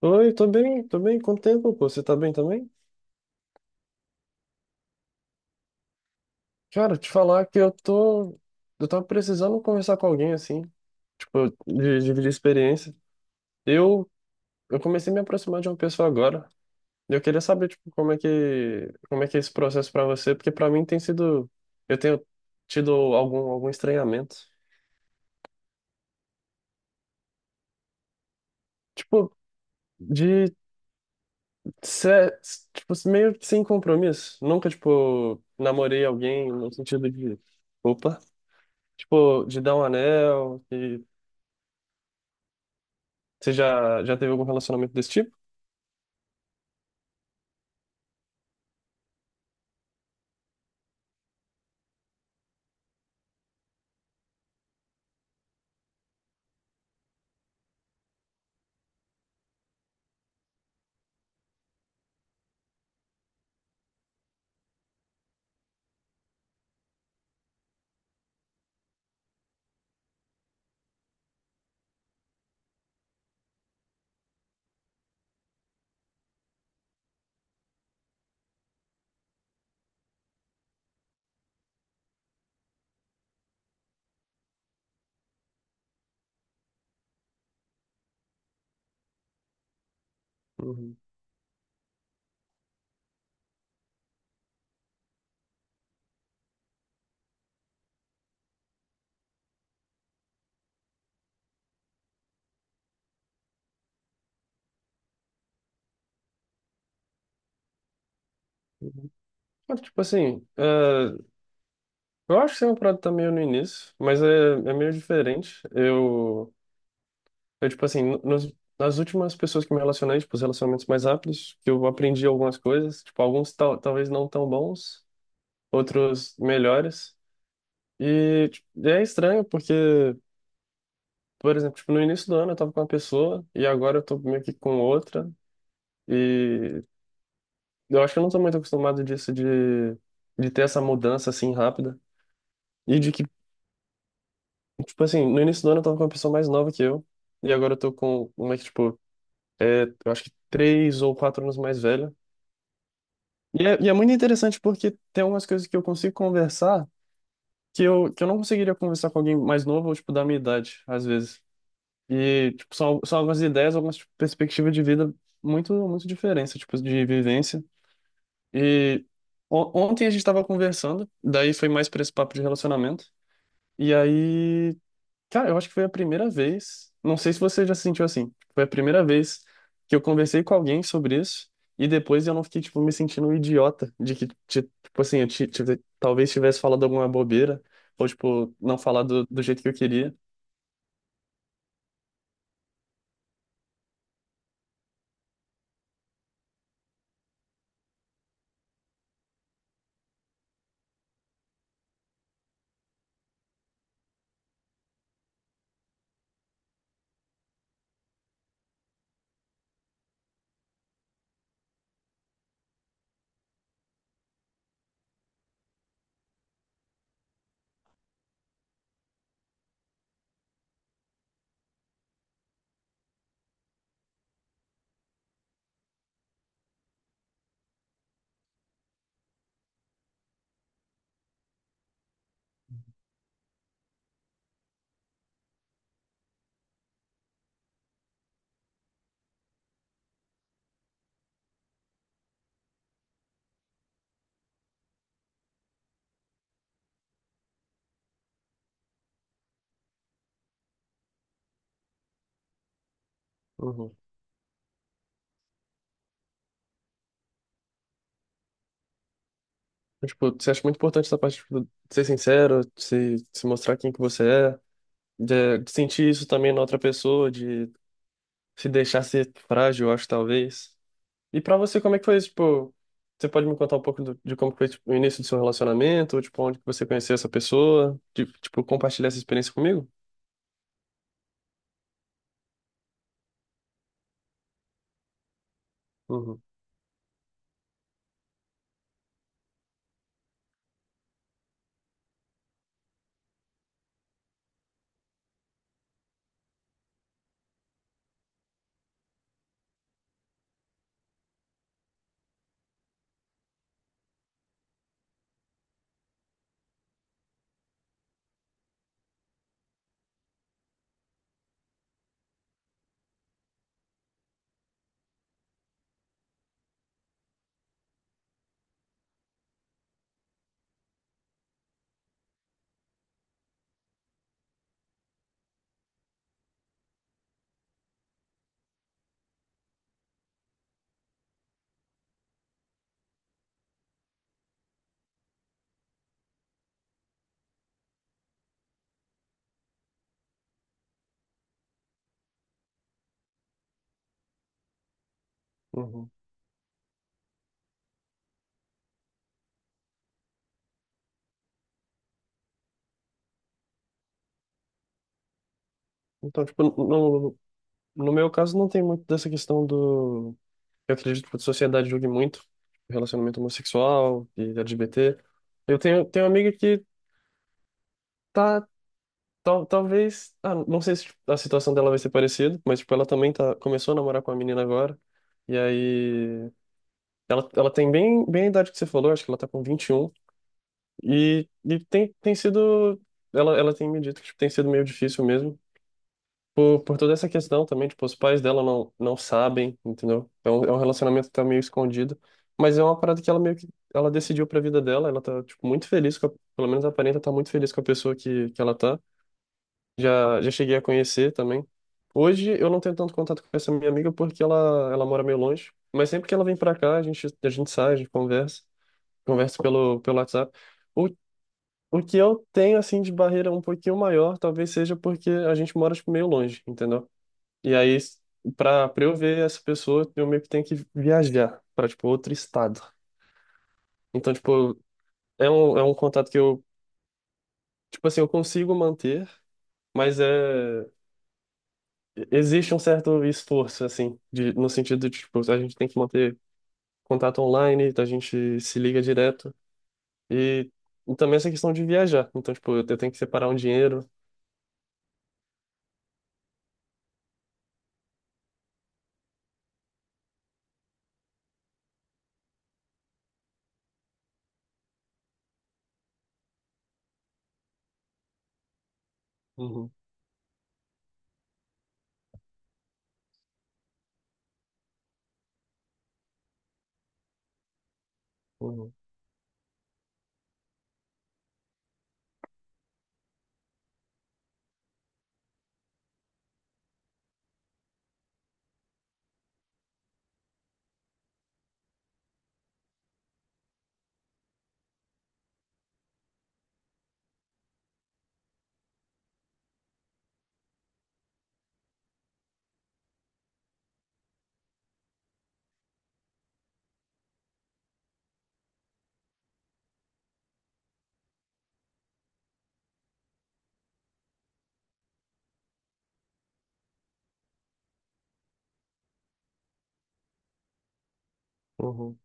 Oi, tô bem, tô bem. Quanto tempo, pô? Você tá bem também? Cara, te falar que eu tô. Eu tava precisando conversar com alguém, assim, tipo, de dividir experiência. Eu, eu comecei a me aproximar de uma pessoa agora. E eu queria saber, tipo, como é que é esse processo pra você, porque pra mim tem sido. Eu tenho tido algum estranhamento. Tipo, de ser, tipo, meio que sem compromisso. Nunca, tipo, namorei alguém no sentido de. Opa. Tipo, de dar um anel. Você já teve algum relacionamento desse tipo? Uhum. Mas, tipo assim, é, eu acho que é uma parada tá meio no início, mas é, é meio diferente. Eu tipo assim, nas últimas pessoas que me relacionei, tipo, os relacionamentos mais rápidos, que eu aprendi algumas coisas, tipo, alguns talvez não tão bons, outros melhores. E tipo, é estranho porque, por exemplo, tipo, no início do ano eu tava com uma pessoa e agora eu tô meio que com outra. e Eu acho que eu não sou muito acostumado disso de ter essa mudança assim rápida. E de que, tipo assim, no início do ano eu tava com uma pessoa mais nova que eu. E agora eu tô com uma que, tipo, é, eu acho que três ou quatro anos mais velha. E é muito interessante porque tem algumas coisas que eu consigo conversar que eu não conseguiria conversar com alguém mais novo ou, tipo, da minha idade, às vezes. E, tipo, são algumas ideias, algumas, tipo, perspectivas de vida muito, muito diferentes, tipo, de vivência. E ontem a gente tava conversando, daí foi mais pra esse papo de relacionamento. E aí, cara, eu acho que foi a primeira vez, não sei se você já se sentiu assim, foi a primeira vez que eu conversei com alguém sobre isso e depois eu não fiquei, tipo, me sentindo um idiota de que, tipo assim, talvez tivesse falado alguma bobeira ou, tipo, não falado do jeito que eu queria. Uhum. Então, tipo, você acha muito importante essa parte, tipo, de ser sincero, de se mostrar quem que você é, de sentir isso também na outra pessoa, se deixasse frágil, eu acho, talvez. E pra você, como é que foi isso? Tipo, você pode me contar um pouco de como foi, tipo, o início do seu relacionamento, tipo, onde que você conheceu essa pessoa, de, tipo, compartilhar essa experiência comigo? Uhum, uhum. Então, tipo, no meu caso, não tem muito dessa questão do... Eu acredito que a sociedade julgue muito relacionamento homossexual e LGBT. Tenho uma amiga que tá. Tal, talvez. Ah, não sei se tipo, a situação dela vai ser parecida, mas tipo, ela também tá, começou a namorar com a menina agora. E aí. Ela tem bem a idade que você falou, acho que ela tá com vinte e um e tem, tem sido. Ela tem me dito que tipo, tem sido meio difícil mesmo. Por toda essa questão também, tipo, os pais dela não sabem, entendeu? É um relacionamento que tá meio escondido. Mas é uma parada que ela meio que. Ela decidiu pra vida dela, ela tá, tipo, muito feliz com a, pelo menos aparenta estar muito feliz com a pessoa que ela tá. Já cheguei a conhecer também. Hoje eu não tenho tanto contato com essa minha amiga porque ela mora meio longe. Mas sempre que ela vem pra cá, a gente sai, a gente conversa, conversa pelo WhatsApp. O, o que eu tenho, assim, de barreira um pouquinho maior, talvez seja porque a gente mora, tipo, meio longe, entendeu? E aí, pra eu ver essa pessoa, eu meio que tenho que viajar pra, tipo, outro estado. Então, tipo, é um contato que eu, tipo assim, eu consigo manter, mas é. Existe um certo esforço, assim, de, no sentido de, tipo, a gente tem que manter contato online, a gente se liga direto. E, e também essa questão de viajar. Então, tipo, eu tenho que separar um dinheiro. Uhum, uhum, uhum.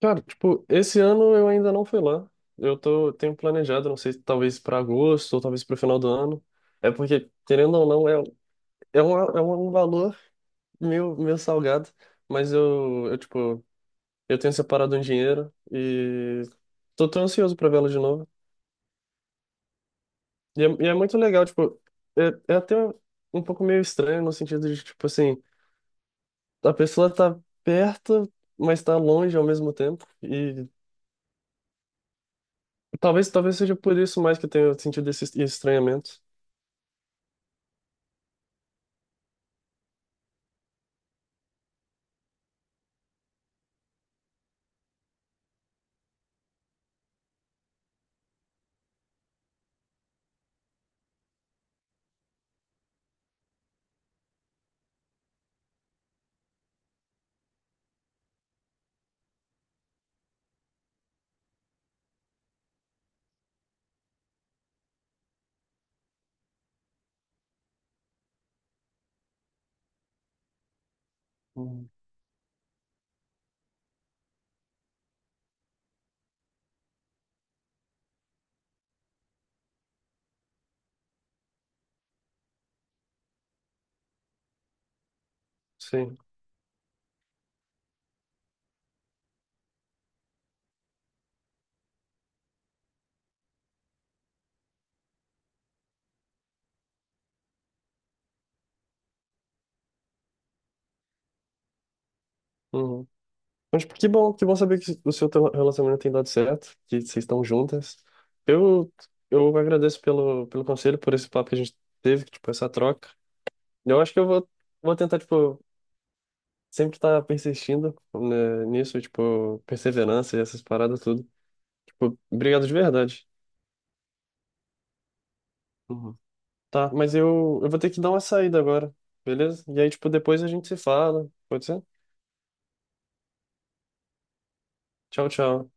Cara, tipo, esse ano eu ainda não fui lá. Eu tô, tenho planejado, não sei, talvez para agosto ou talvez para o final do ano. É porque, querendo ou não, é um valor meio, meio salgado, mas eu, tipo, eu tenho separado um dinheiro e tô, tô ansioso pra vê-lo de novo. E é muito legal, tipo, é, é até um pouco meio estranho no sentido de, tipo assim, a pessoa tá perto, mas tá longe ao mesmo tempo. E talvez, talvez seja por isso mais que eu tenha sentido esse estranhamento. Hum. Sim. Uhum. Mas tipo, que bom saber que o seu teu relacionamento tem dado certo, que vocês estão juntas. Eu, eu agradeço pelo conselho, por esse papo que a gente teve, tipo, essa troca. Eu acho que eu vou, vou tentar, tipo, sempre estar persistindo, né, nisso, tipo, perseverança e essas paradas tudo. Tipo, obrigado de verdade. Uhum. Tá, mas eu vou ter que dar uma saída agora, beleza? E aí, tipo, depois a gente se fala, pode ser? Tchau, tchau.